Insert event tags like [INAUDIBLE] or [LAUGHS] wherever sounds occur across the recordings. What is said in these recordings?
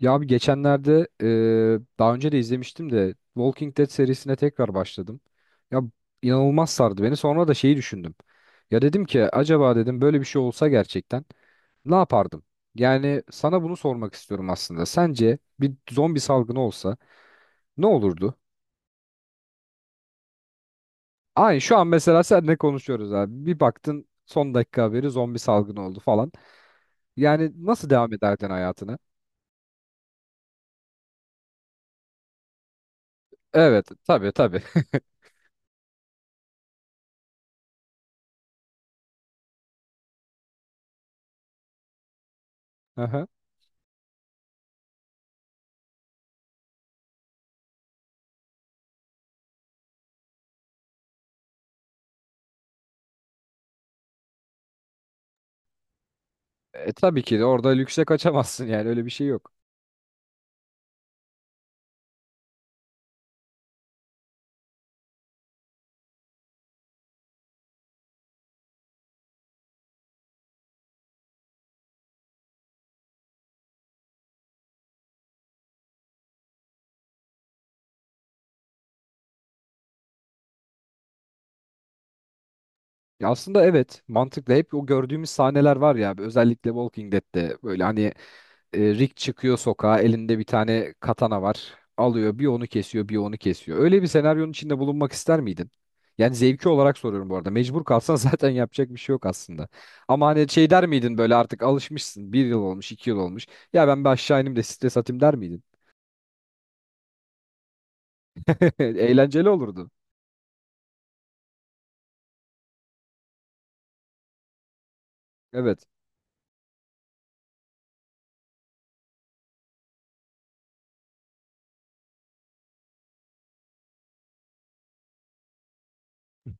Ya abi geçenlerde daha önce de izlemiştim de Walking Dead serisine tekrar başladım. Ya inanılmaz sardı beni. Sonra da şeyi düşündüm. Ya dedim ki acaba dedim böyle bir şey olsa gerçekten ne yapardım? Yani sana bunu sormak istiyorum aslında. Sence bir zombi salgını olsa ne olurdu? Aynı şu an mesela seninle konuşuyoruz abi. Bir baktın son dakika haberi zombi salgını oldu falan. Yani nasıl devam ederdin hayatına? Evet tabii tabii. [LAUGHS] E, tabii ki de orada lükse kaçamazsın yani öyle bir şey yok. Ya aslında evet mantıklı hep o gördüğümüz sahneler var ya özellikle Walking Dead'te böyle hani Rick çıkıyor sokağa elinde bir tane katana var alıyor bir onu kesiyor bir onu kesiyor. Öyle bir senaryonun içinde bulunmak ister miydin? Yani zevki olarak soruyorum bu arada mecbur kalsan [LAUGHS] zaten yapacak bir şey yok aslında. Ama hani şey der miydin böyle artık alışmışsın bir yıl olmuş 2 yıl olmuş ya ben bir aşağı ineyim de stres atayım der miydin? [LAUGHS] Eğlenceli olurdu. Evet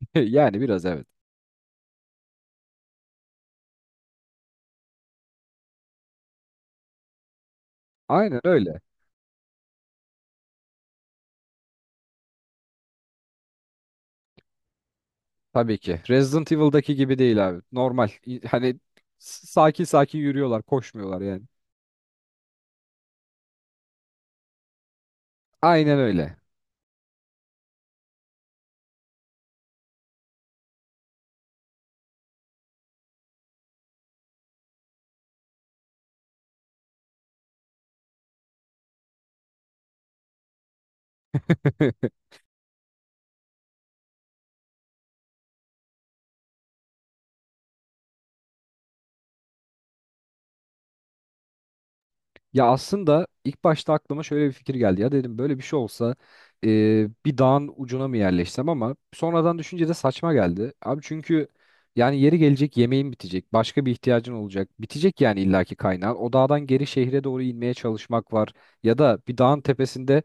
[LAUGHS] yani biraz evet aynen öyle. Tabii ki. Resident Evil'daki gibi değil abi. Normal. Hani sakin sakin yürüyorlar, koşmuyorlar yani. Aynen öyle. [LAUGHS] Ya aslında ilk başta aklıma şöyle bir fikir geldi. Ya dedim böyle bir şey olsa e, bir dağın ucuna mı yerleşsem ama sonradan düşünce de saçma geldi. Abi çünkü yani yeri gelecek yemeğin bitecek. Başka bir ihtiyacın olacak. Bitecek yani illaki kaynağın. O dağdan geri şehre doğru inmeye çalışmak var. Ya da bir dağın tepesinde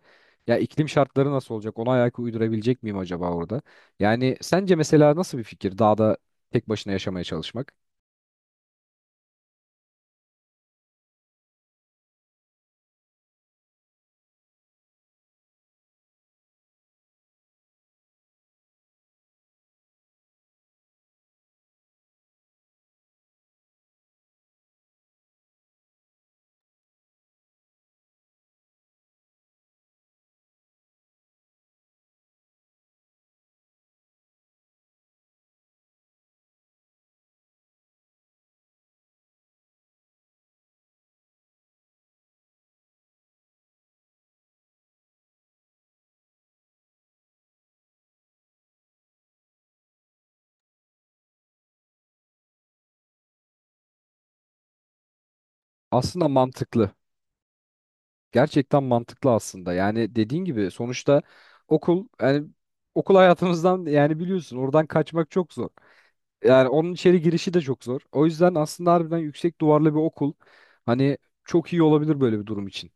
ya iklim şartları nasıl olacak? Ona ayak uydurabilecek miyim acaba orada? Yani sence mesela nasıl bir fikir dağda tek başına yaşamaya çalışmak? Aslında mantıklı. Gerçekten mantıklı aslında. Yani dediğin gibi sonuçta okul yani okul [LAUGHS] hayatımızdan yani biliyorsun oradan kaçmak çok zor. Yani onun içeri girişi de çok zor. O yüzden aslında harbiden yüksek duvarlı bir okul hani çok iyi olabilir böyle bir durum için.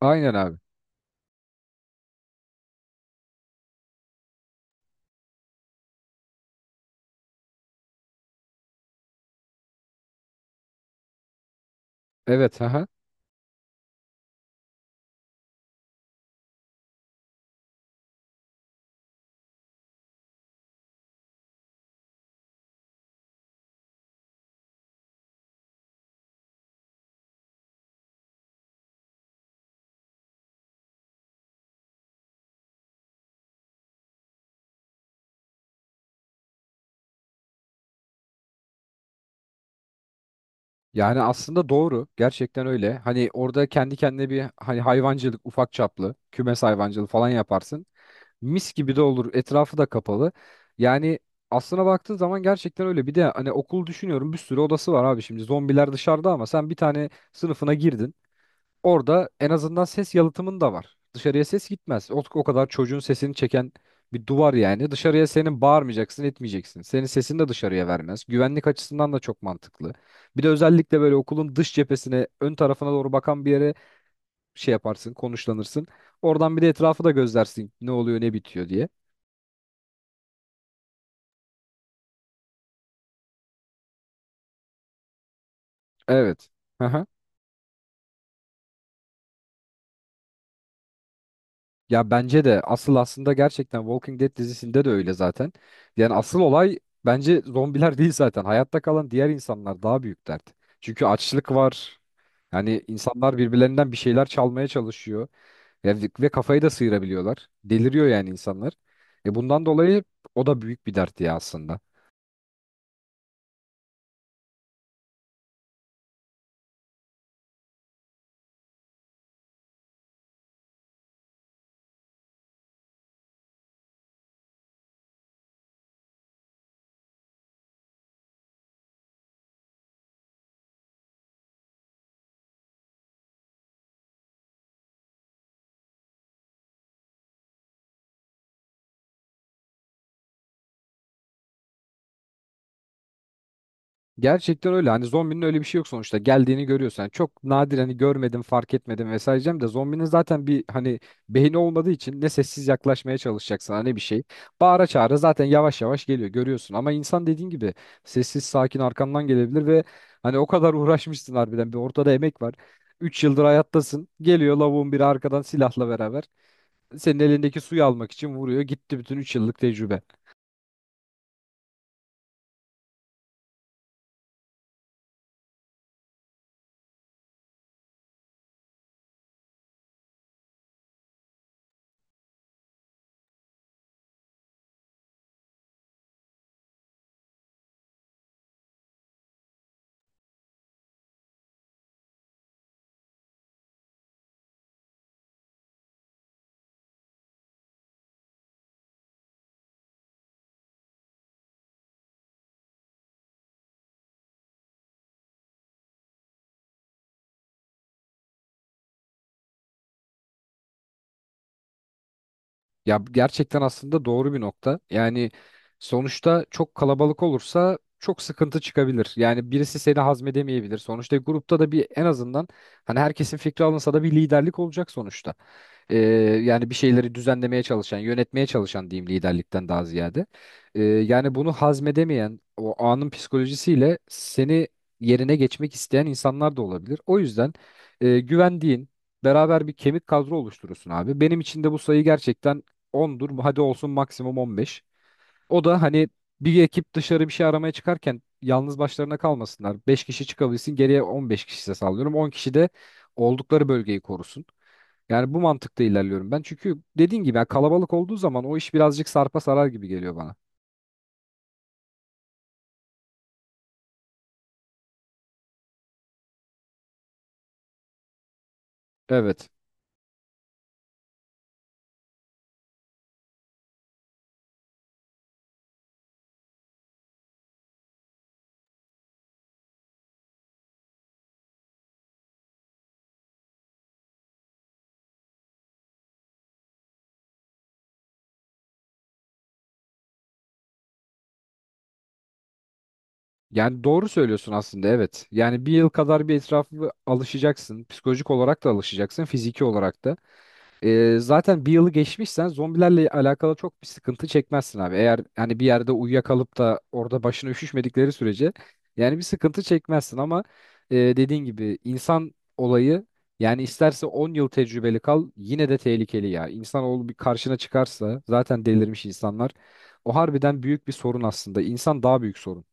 Aynen abi. Evet. Aha. Yani aslında doğru. Gerçekten öyle. Hani orada kendi kendine bir hani hayvancılık ufak çaplı, kümes hayvancılığı falan yaparsın. Mis gibi de olur. Etrafı da kapalı. Yani aslına baktığın zaman gerçekten öyle. Bir de hani okul düşünüyorum bir sürü odası var abi şimdi. Zombiler dışarıda ama sen bir tane sınıfına girdin. Orada en azından ses yalıtımın da var. Dışarıya ses gitmez. O kadar çocuğun sesini çeken bir duvar yani. Dışarıya senin bağırmayacaksın, etmeyeceksin. Senin sesini de dışarıya vermez. Güvenlik açısından da çok mantıklı. Bir de özellikle böyle okulun dış cephesine, ön tarafına doğru bakan bir yere şey yaparsın, konuşlanırsın. Oradan bir de etrafı da gözlersin ne oluyor, ne bitiyor diye. Evet. Hı hı. Ya bence de asıl aslında gerçekten Walking Dead dizisinde de öyle zaten. Yani asıl olay bence zombiler [LAUGHS] değil zaten. Hayatta kalan diğer insanlar daha büyük dert. Çünkü açlık var. Yani insanlar birbirlerinden bir şeyler çalmaya çalışıyor. Ya ve kafayı da sıyırabiliyorlar. Deliriyor yani insanlar. E bundan dolayı o da büyük bir dert ya aslında. Gerçekten öyle. Hani zombinin öyle bir şey yok sonuçta. Geldiğini görüyorsun. Yani çok nadir hani görmedim, fark etmedim vesaire diyeceğim de zombinin zaten bir hani beyni olmadığı için ne sessiz yaklaşmaya çalışacaksın hani bir şey. Bağıra çağıra zaten yavaş yavaş geliyor görüyorsun. Ama insan dediğin gibi sessiz sakin arkandan gelebilir ve hani o kadar [LAUGHS] uğraşmışsın harbiden bir ortada emek var. 3 yıldır hayattasın. Geliyor lavuğun biri arkadan silahla beraber. Senin elindeki suyu almak için vuruyor. Gitti bütün 3 yıllık tecrübe. Ya gerçekten aslında doğru bir nokta. Yani sonuçta çok kalabalık olursa çok sıkıntı çıkabilir. Yani birisi seni hazmedemeyebilir. Sonuçta grupta da bir en azından hani herkesin fikri alınsa da bir liderlik olacak sonuçta. Ee, yani bir şeyleri düzenlemeye çalışan, yönetmeye çalışan diyeyim liderlikten daha ziyade. Yani bunu hazmedemeyen, o anın psikolojisiyle seni yerine geçmek isteyen insanlar da olabilir. O yüzden güvendiğin, beraber bir kemik kadro oluşturursun abi. Benim için de bu sayı gerçekten 10'dur. Hadi olsun maksimum 15. O da hani bir ekip dışarı bir şey aramaya çıkarken yalnız başlarına kalmasınlar. 5 kişi çıkabilsin, geriye 15 kişi ise sallıyorum. 10 kişi de oldukları bölgeyi korusun. Yani bu mantıkta ilerliyorum ben. Çünkü dediğin gibi ya kalabalık olduğu zaman o iş birazcık sarpa sarar gibi geliyor bana. Evet. Yani doğru söylüyorsun aslında evet. Yani bir yıl kadar bir etrafı alışacaksın. Psikolojik olarak da alışacaksın. Fiziki olarak da. Zaten bir yılı geçmişsen zombilerle alakalı çok bir sıkıntı çekmezsin abi. Eğer hani bir yerde uyuyakalıp da orada başına üşüşmedikleri sürece yani bir sıkıntı çekmezsin ama dediğin gibi insan olayı yani isterse 10 yıl tecrübeli kal yine de tehlikeli ya. İnsanoğlu bir karşına çıkarsa zaten delirmiş insanlar. O harbiden büyük bir sorun aslında. İnsan daha büyük sorun.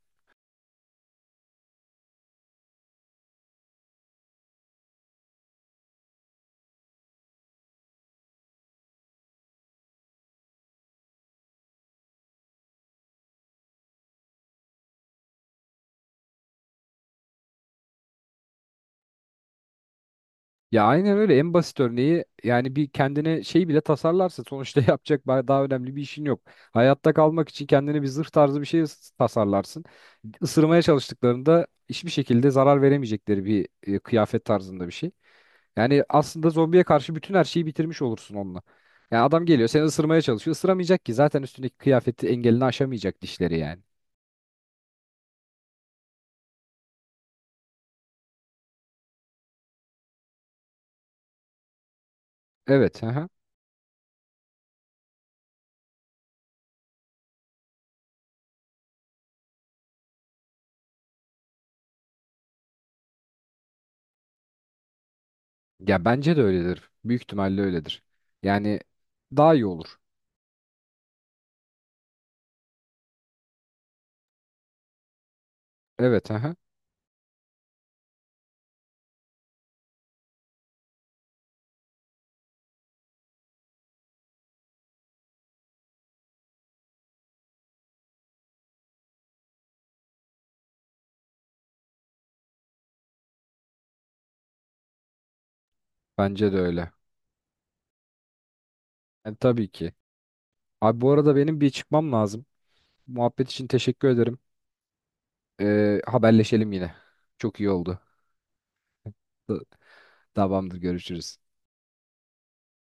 Ya aynen öyle en basit örneği yani bir kendine şey bile tasarlarsa sonuçta [LAUGHS] yapacak daha önemli bir işin yok. Hayatta kalmak için kendine bir zırh tarzı bir şey tasarlarsın. Isırmaya çalıştıklarında hiçbir şekilde zarar veremeyecekleri bir kıyafet tarzında bir şey. Yani aslında zombiye karşı bütün her şeyi bitirmiş olursun onunla. Yani adam geliyor seni ısırmaya çalışıyor. Isıramayacak ki zaten üstündeki kıyafeti engelini aşamayacak dişleri yani. Evet. Aha. Ya bence de öyledir. Büyük ihtimalle öyledir. Yani daha iyi olur. Evet. Aha. Bence de öyle. Yani tabii ki. Abi bu arada benim bir çıkmam lazım. Muhabbet için teşekkür ederim. Haberleşelim yine. Çok iyi oldu. [LAUGHS] Tamamdır görüşürüz.